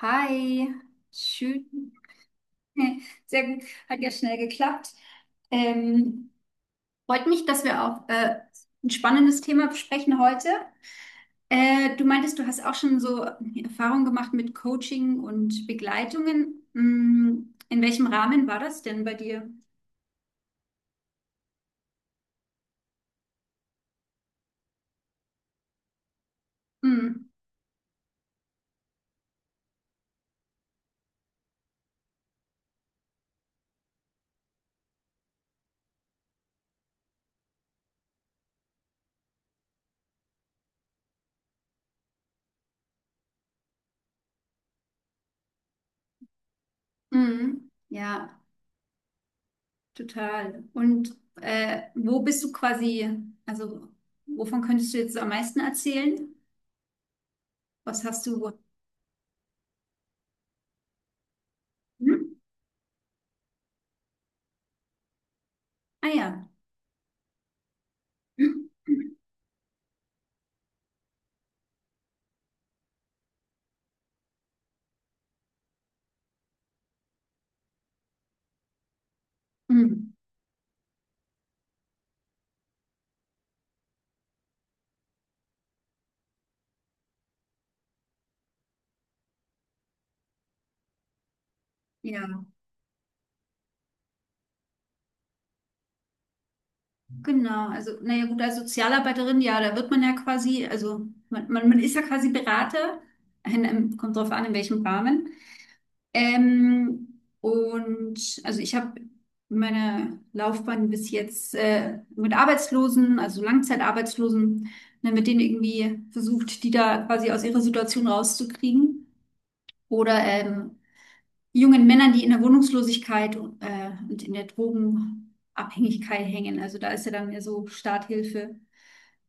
Hi, schön. Sehr gut, hat ja schnell geklappt. Ähm, Freut mich, dass wir auch ein spannendes Thema besprechen heute. Du meintest, du hast auch schon so Erfahrungen gemacht mit Coaching und Begleitungen. Mm, in welchem Rahmen war das denn bei dir? Mm, ja, total. Und wo bist du quasi, also wovon könntest du jetzt so am meisten erzählen? Was hast du? Hm? Ah ja. Hm, ja, genau. Also, naja, gut, als Sozialarbeiterin, ja, da wird man ja quasi, also man ist ja quasi Berater, kommt drauf an, in welchem Rahmen. Und also ich habe meine Laufbahn bis jetzt mit Arbeitslosen, also Langzeitarbeitslosen, ne, mit denen irgendwie versucht, die da quasi aus ihrer Situation rauszukriegen. Oder jungen Männern, die in der Wohnungslosigkeit und in der Drogenabhängigkeit hängen. Also da ist ja dann mehr so Starthilfe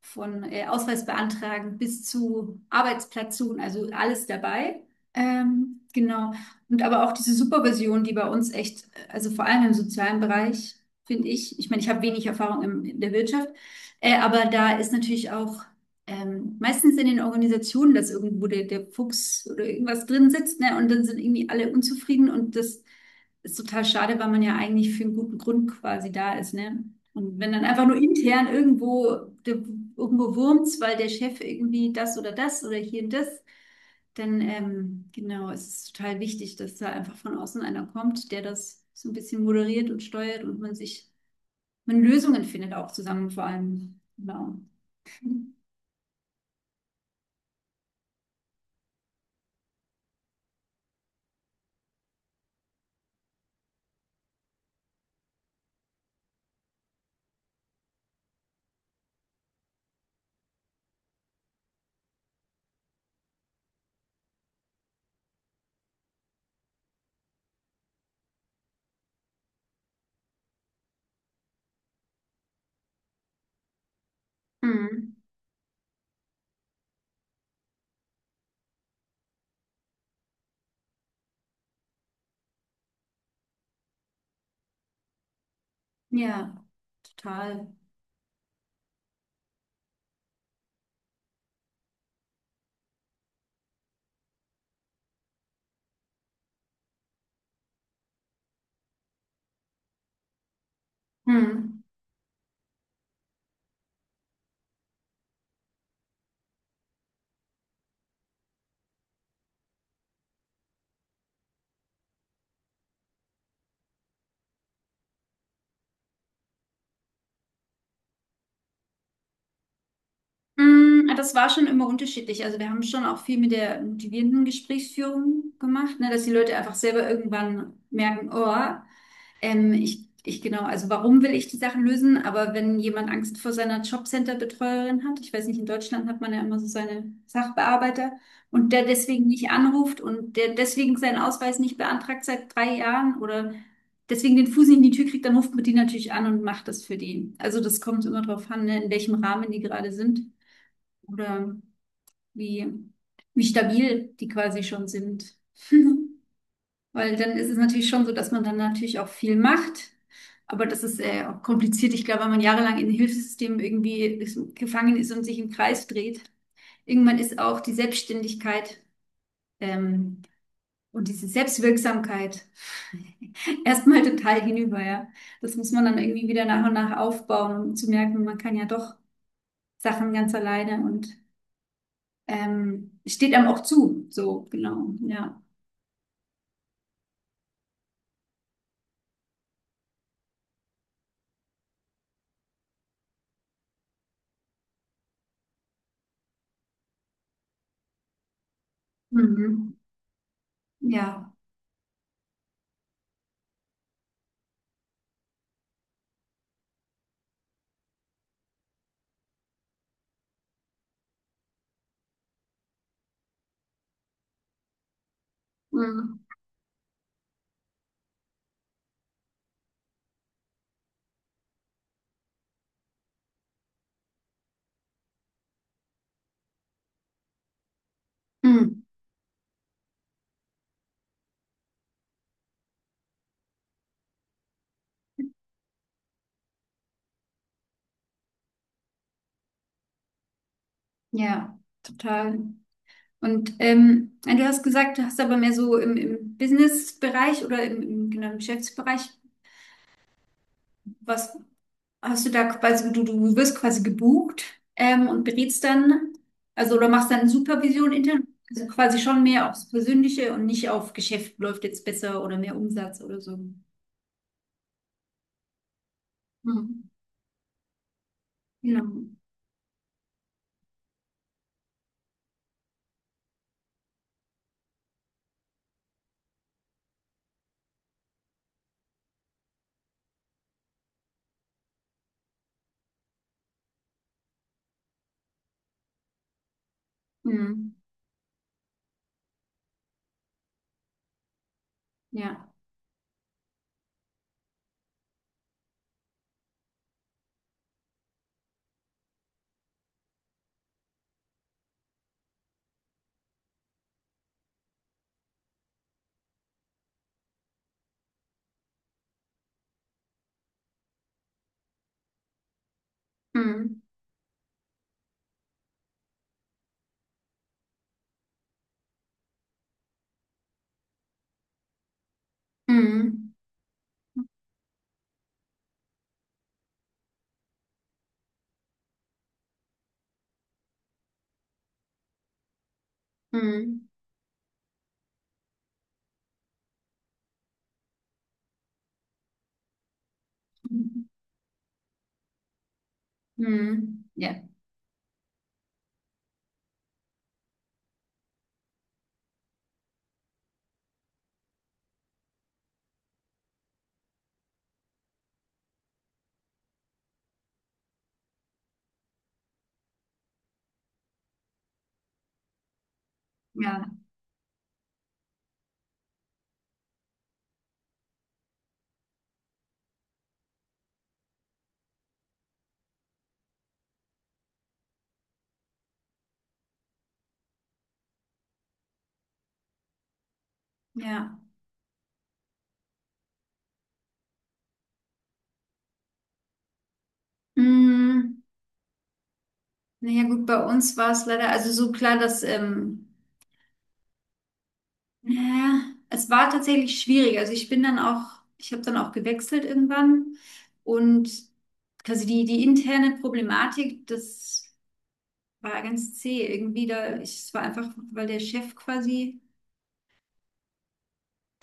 von Ausweis beantragen bis zu Arbeitsplatz suchen, also alles dabei. Genau. Und aber auch diese Supervision, die bei uns echt, also vor allem im sozialen Bereich, finde ich, ich meine, ich habe wenig Erfahrung in der Wirtschaft, aber da ist natürlich auch meistens in den Organisationen, dass irgendwo der Fuchs oder irgendwas drin sitzt, ne, und dann sind irgendwie alle unzufrieden und das ist total schade, weil man ja eigentlich für einen guten Grund quasi da ist, ne? Und wenn dann einfach nur intern irgendwo, der, irgendwo wurmt's, weil der Chef irgendwie das oder das oder hier und das, dann genau, es ist total wichtig, dass da einfach von außen einer kommt, der das so ein bisschen moderiert und steuert und man Lösungen findet auch zusammen vor allem. Genau. Mhm. Ja, total. Mhm. Mm, das war schon immer unterschiedlich. Also wir haben schon auch viel mit der motivierenden Gesprächsführung gemacht, ne, dass die Leute einfach selber irgendwann merken, oh, ich genau, also warum will ich die Sachen lösen? Aber wenn jemand Angst vor seiner Jobcenter-Betreuerin hat, ich weiß nicht, in Deutschland hat man ja immer so seine Sachbearbeiter und der deswegen nicht anruft und der deswegen seinen Ausweis nicht beantragt seit 3 Jahren oder deswegen den Fuß nicht in die Tür kriegt, dann ruft man die natürlich an und macht das für die. Also das kommt immer drauf an, ne, in welchem Rahmen die gerade sind oder wie, wie stabil die quasi schon sind. Weil dann ist es natürlich schon so, dass man dann natürlich auch viel macht. Aber das ist auch kompliziert. Ich glaube, wenn man jahrelang in Hilfssystemen irgendwie ist, gefangen ist und sich im Kreis dreht, irgendwann ist auch die Selbstständigkeit ähm, und diese Selbstwirksamkeit erstmal total hinüber, ja. Das muss man dann irgendwie wieder nach und nach aufbauen, um zu merken, man kann ja doch Sachen ganz alleine und steht einem auch zu, so, genau, ja. Mhm. Ja. Mhm. Mhm. Ja, total. Und ja, du hast gesagt, du hast aber mehr so im Business-Bereich oder genau, im Geschäftsbereich, was hast du da quasi, also du wirst quasi gebucht und berätst dann, also oder machst dann Supervision intern, also quasi schon mehr aufs Persönliche und nicht auf Geschäft läuft jetzt besser oder mehr Umsatz oder so. Mhm. Genau. Mhm. Ja. Mhm. Mhm. Mhm. Mhm. Ja, ja, ja. Mhm. Naja, gut, bei uns war es leider, also so klar, dass, naja, es war tatsächlich schwierig. Also ich bin dann auch, ich habe dann auch gewechselt irgendwann und quasi die interne Problematik, das war ganz zäh irgendwie da. Ich, es war einfach, weil der Chef quasi.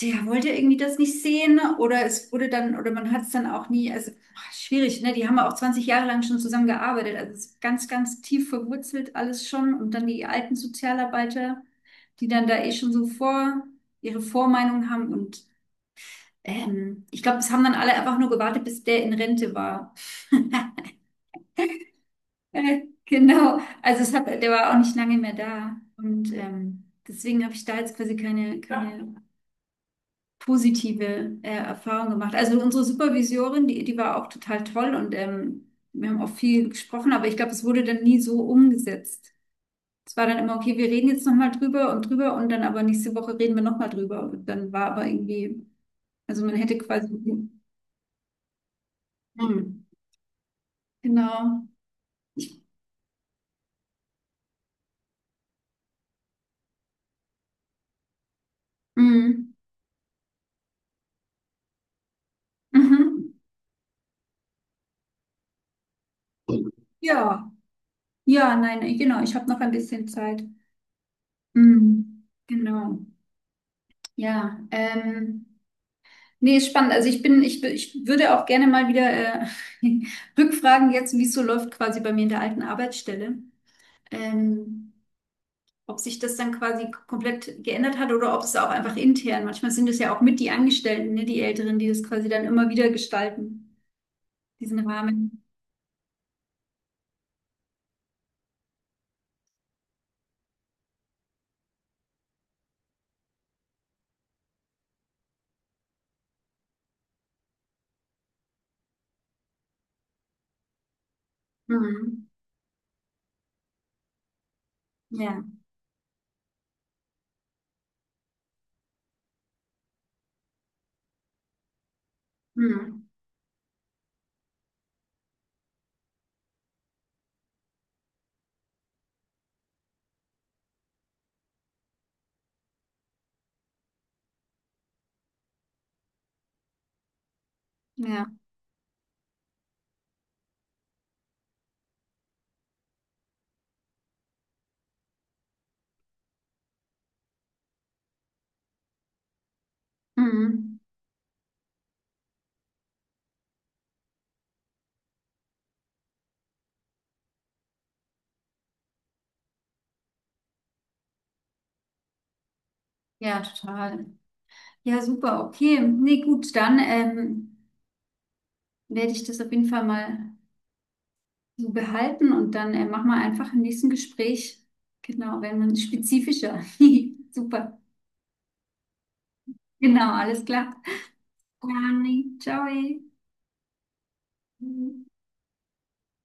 Der wollte irgendwie das nicht sehen oder es wurde dann, oder man hat es dann auch nie, also ach, schwierig, ne? Die haben auch 20 Jahre lang schon zusammen gearbeitet, also es ist ganz, ganz tief verwurzelt alles schon und dann die alten Sozialarbeiter, die dann da eh schon so vor ihre Vormeinung haben und ich glaube, es haben dann alle einfach nur gewartet, bis der in Rente war. Genau, also es hat, der war auch nicht lange mehr da und deswegen habe ich da jetzt quasi keine, ja, keine positive Erfahrungen gemacht. Also unsere Supervisorin, die war auch total toll und wir haben auch viel gesprochen, aber ich glaube, es wurde dann nie so umgesetzt. Es war dann immer, okay, wir reden jetzt nochmal drüber und drüber und dann aber nächste Woche reden wir nochmal drüber. Und dann war aber irgendwie, also man hätte quasi, hm, genau, hm, mhm. Ja, ja, nein, genau, ich habe noch ein bisschen Zeit. Hm, genau, ja, nee, ist spannend. Also ich bin, ich würde auch gerne mal wieder rückfragen jetzt, wie es so läuft quasi bei mir in der alten Arbeitsstelle. Ähm, ob sich das dann quasi komplett geändert hat oder ob es auch einfach intern. Manchmal sind es ja auch mit die Angestellten, ne, die Älteren, die das quasi dann immer wieder gestalten, diesen Rahmen. Mhm. Ja. Mhm. Ja. Mhm. Ja, total. Ja, super, okay. Nee, gut, dann werde ich das auf jeden Fall mal. So behalten und dann machen wir einfach im nächsten Gespräch. Genau, wenn man spezifischer. Super. Genau, alles klar. Dann, ciao.